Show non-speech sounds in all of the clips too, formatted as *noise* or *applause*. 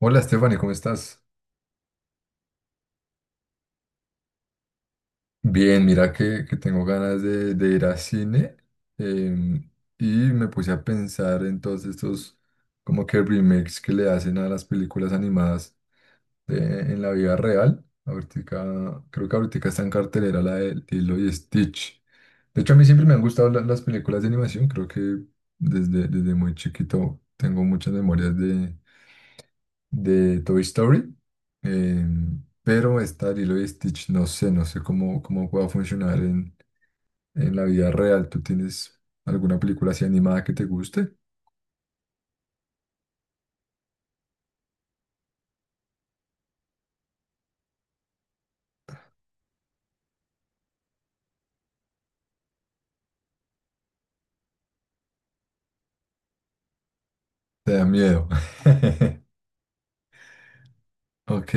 Hola Stephanie, ¿cómo estás? Bien, mira que tengo ganas de ir a cine em, y me puse a pensar en todos estos como que remakes que le hacen a las películas animadas de- en la vida real. Ahorita, creo que ahorita está en cartelera la de Lilo y Stitch. De hecho, a mí siempre me han gustado las películas de animación, creo que desde muy chiquito tengo muchas memorias de Toy Story, pero esta Lilo y Stitch no sé, no sé cómo pueda funcionar en la vida real. ¿Tú tienes alguna película así animada que te guste? Te da miedo. *laughs* Ok.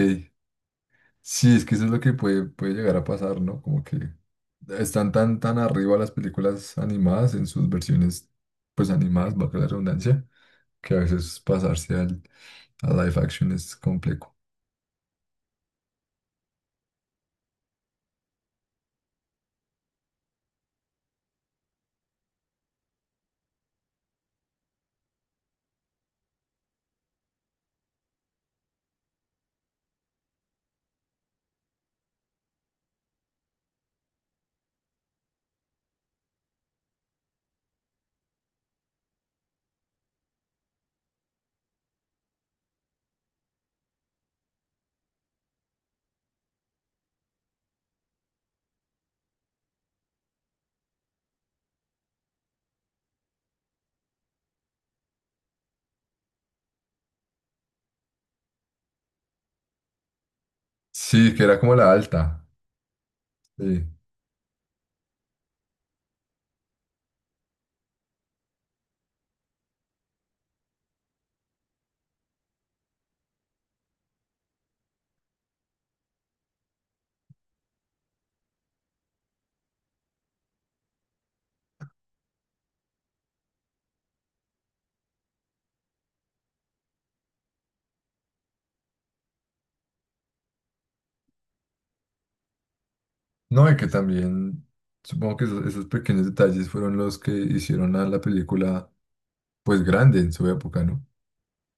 Sí, es que eso es lo que puede, puede llegar a pasar, ¿no? Como que están tan arriba las películas animadas en sus versiones, pues animadas, bajo la redundancia, que a veces pasarse a live action es complejo. Sí, que era como la alta. Sí. No, y que también supongo que esos pequeños detalles fueron los que hicieron a la película pues grande en su época, ¿no?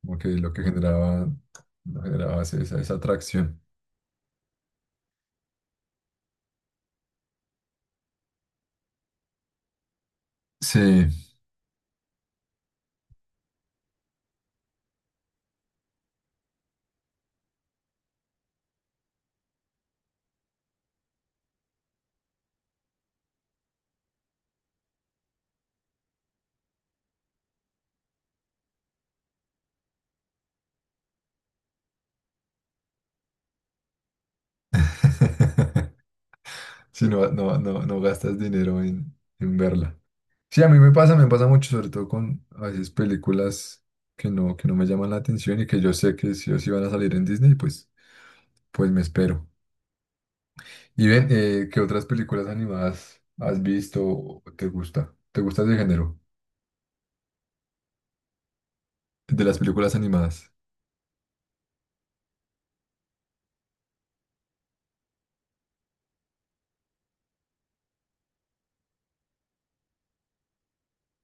Como que lo que generaba, lo generaba esa, esa atracción. Sí. *laughs* Si no, no, no, no gastas dinero en verla. Sí, a mí me pasa mucho, sobre todo con a veces películas que no me llaman la atención y que yo sé que si o sí van a salir en Disney, pues, pues me espero. Y ven, ¿qué otras películas animadas has visto o te gusta? ¿Te gusta ese género? De las películas animadas.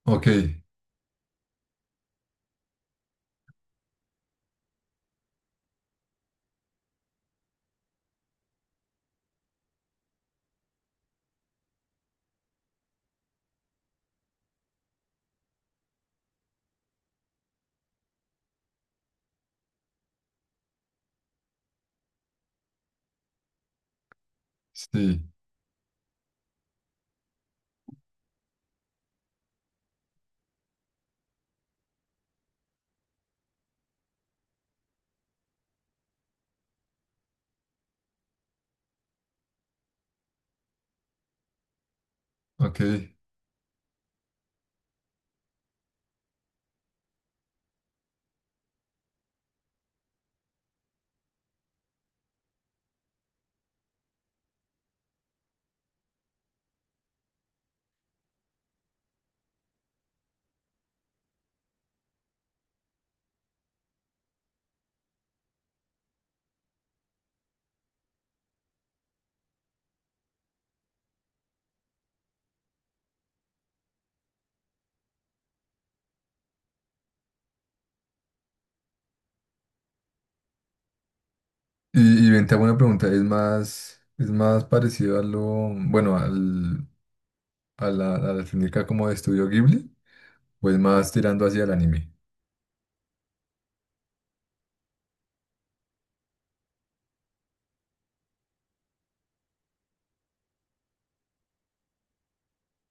Ok, sí, ok. Y ven, te hago una pregunta. Es más parecido a lo, bueno, al, a la técnica como de Estudio Ghibli? ¿O es más tirando hacia el anime?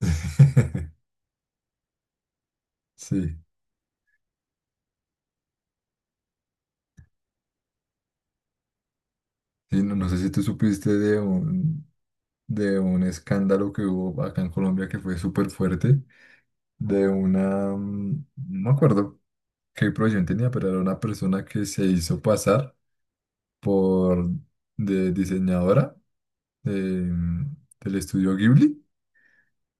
*laughs* Sí, sí, no, no sé si tú supiste de un escándalo que hubo acá en Colombia que fue súper fuerte, de una, mm, no me acuerdo, qué profesión tenía, pero era una persona que se hizo pasar por de diseñadora de- del estudio Ghibli.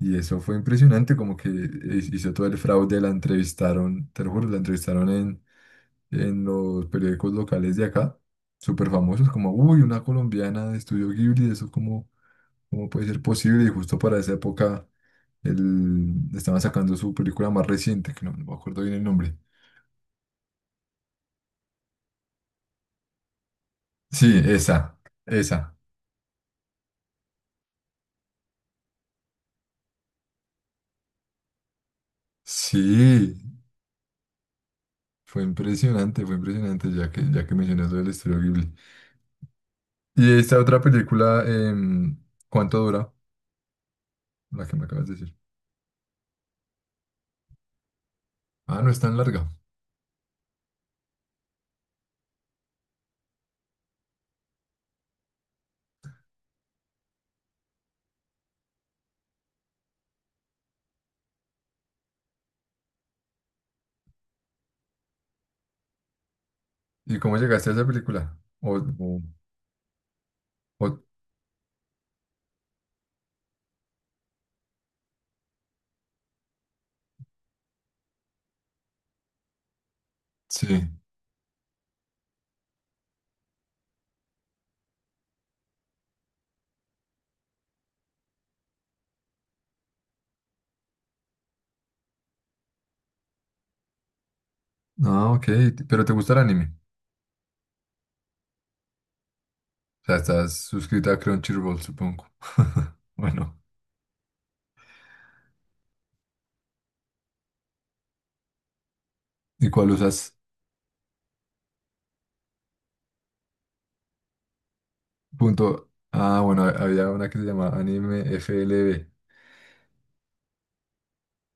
Y eso fue impresionante, como que hizo todo el fraude, la entrevistaron, te lo juro, la entrevistaron en los periódicos locales de acá, súper famosos, como, uy, una colombiana de estudio Ghibli, eso cómo, cómo puede ser posible. Y justo para esa época estaban sacando su película más reciente, que no, no me acuerdo bien el nombre. Sí, esa, esa. Sí, fue impresionante, ya que mencionas lo del estudio Ghibli. Y esta otra película, ¿cuánto dura? La que me acabas de decir. Ah, no es tan larga. ¿Y cómo llegaste a esa película? O- sí. Ah, ok. Pero ¿te gusta el anime? O sea, estás suscrita a Crunchyroll, supongo. *laughs* Bueno. ¿Y cuál usas? Punto. Ah, bueno, había una que se llama Anime FLB.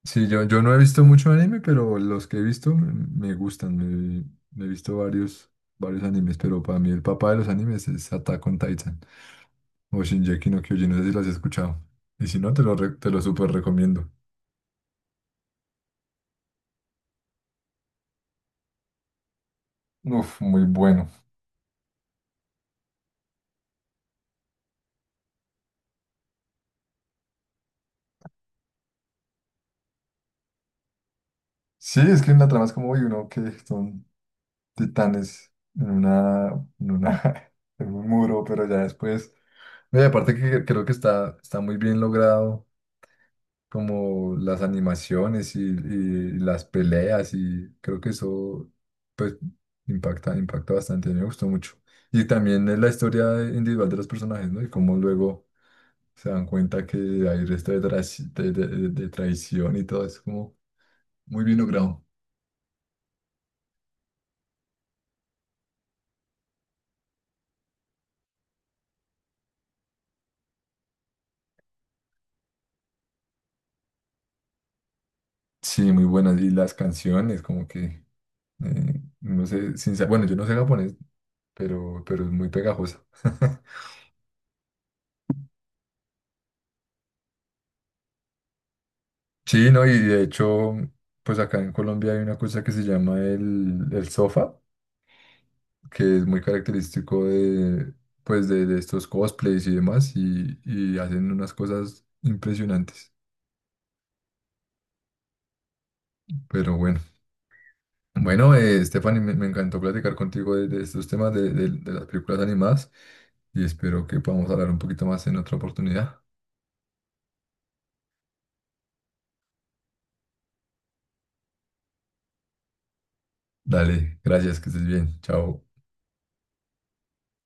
Sí, yo no he visto mucho anime, pero los que he visto me, me gustan. Me he visto varios, varios animes, pero para mí el papá de los animes es Attack on Titan o Shingeki no Kyojin. No sé si los has escuchado. Y si no, te lo súper recomiendo. Uf, muy bueno. Sí, es que en la trama es como, uy, uno que son titanes en una, *laughs* en un muro, pero ya después. No, y aparte que creo que está, está muy bien logrado como las animaciones y las peleas y creo que eso pues impacta, impacta bastante, me gustó mucho. Y también es la historia individual de los personajes, ¿no? Y cómo luego se dan cuenta que hay resto de, de traición y todo, es como muy bien logrado. Sí, muy buenas. Y las canciones, como que, no sé, sin, sa- bueno, yo no sé japonés, pero es muy pegajosa. *laughs* Sí, no, y de hecho, pues acá en Colombia hay una cosa que se llama el sofa, que es muy característico de, pues de estos cosplays y demás, y hacen unas cosas impresionantes. Pero bueno, bueno, Stephanie, me encantó platicar contigo de estos temas de, de las películas animadas, y espero que podamos hablar un poquito más en otra oportunidad. Dale, gracias, que estés bien, chao.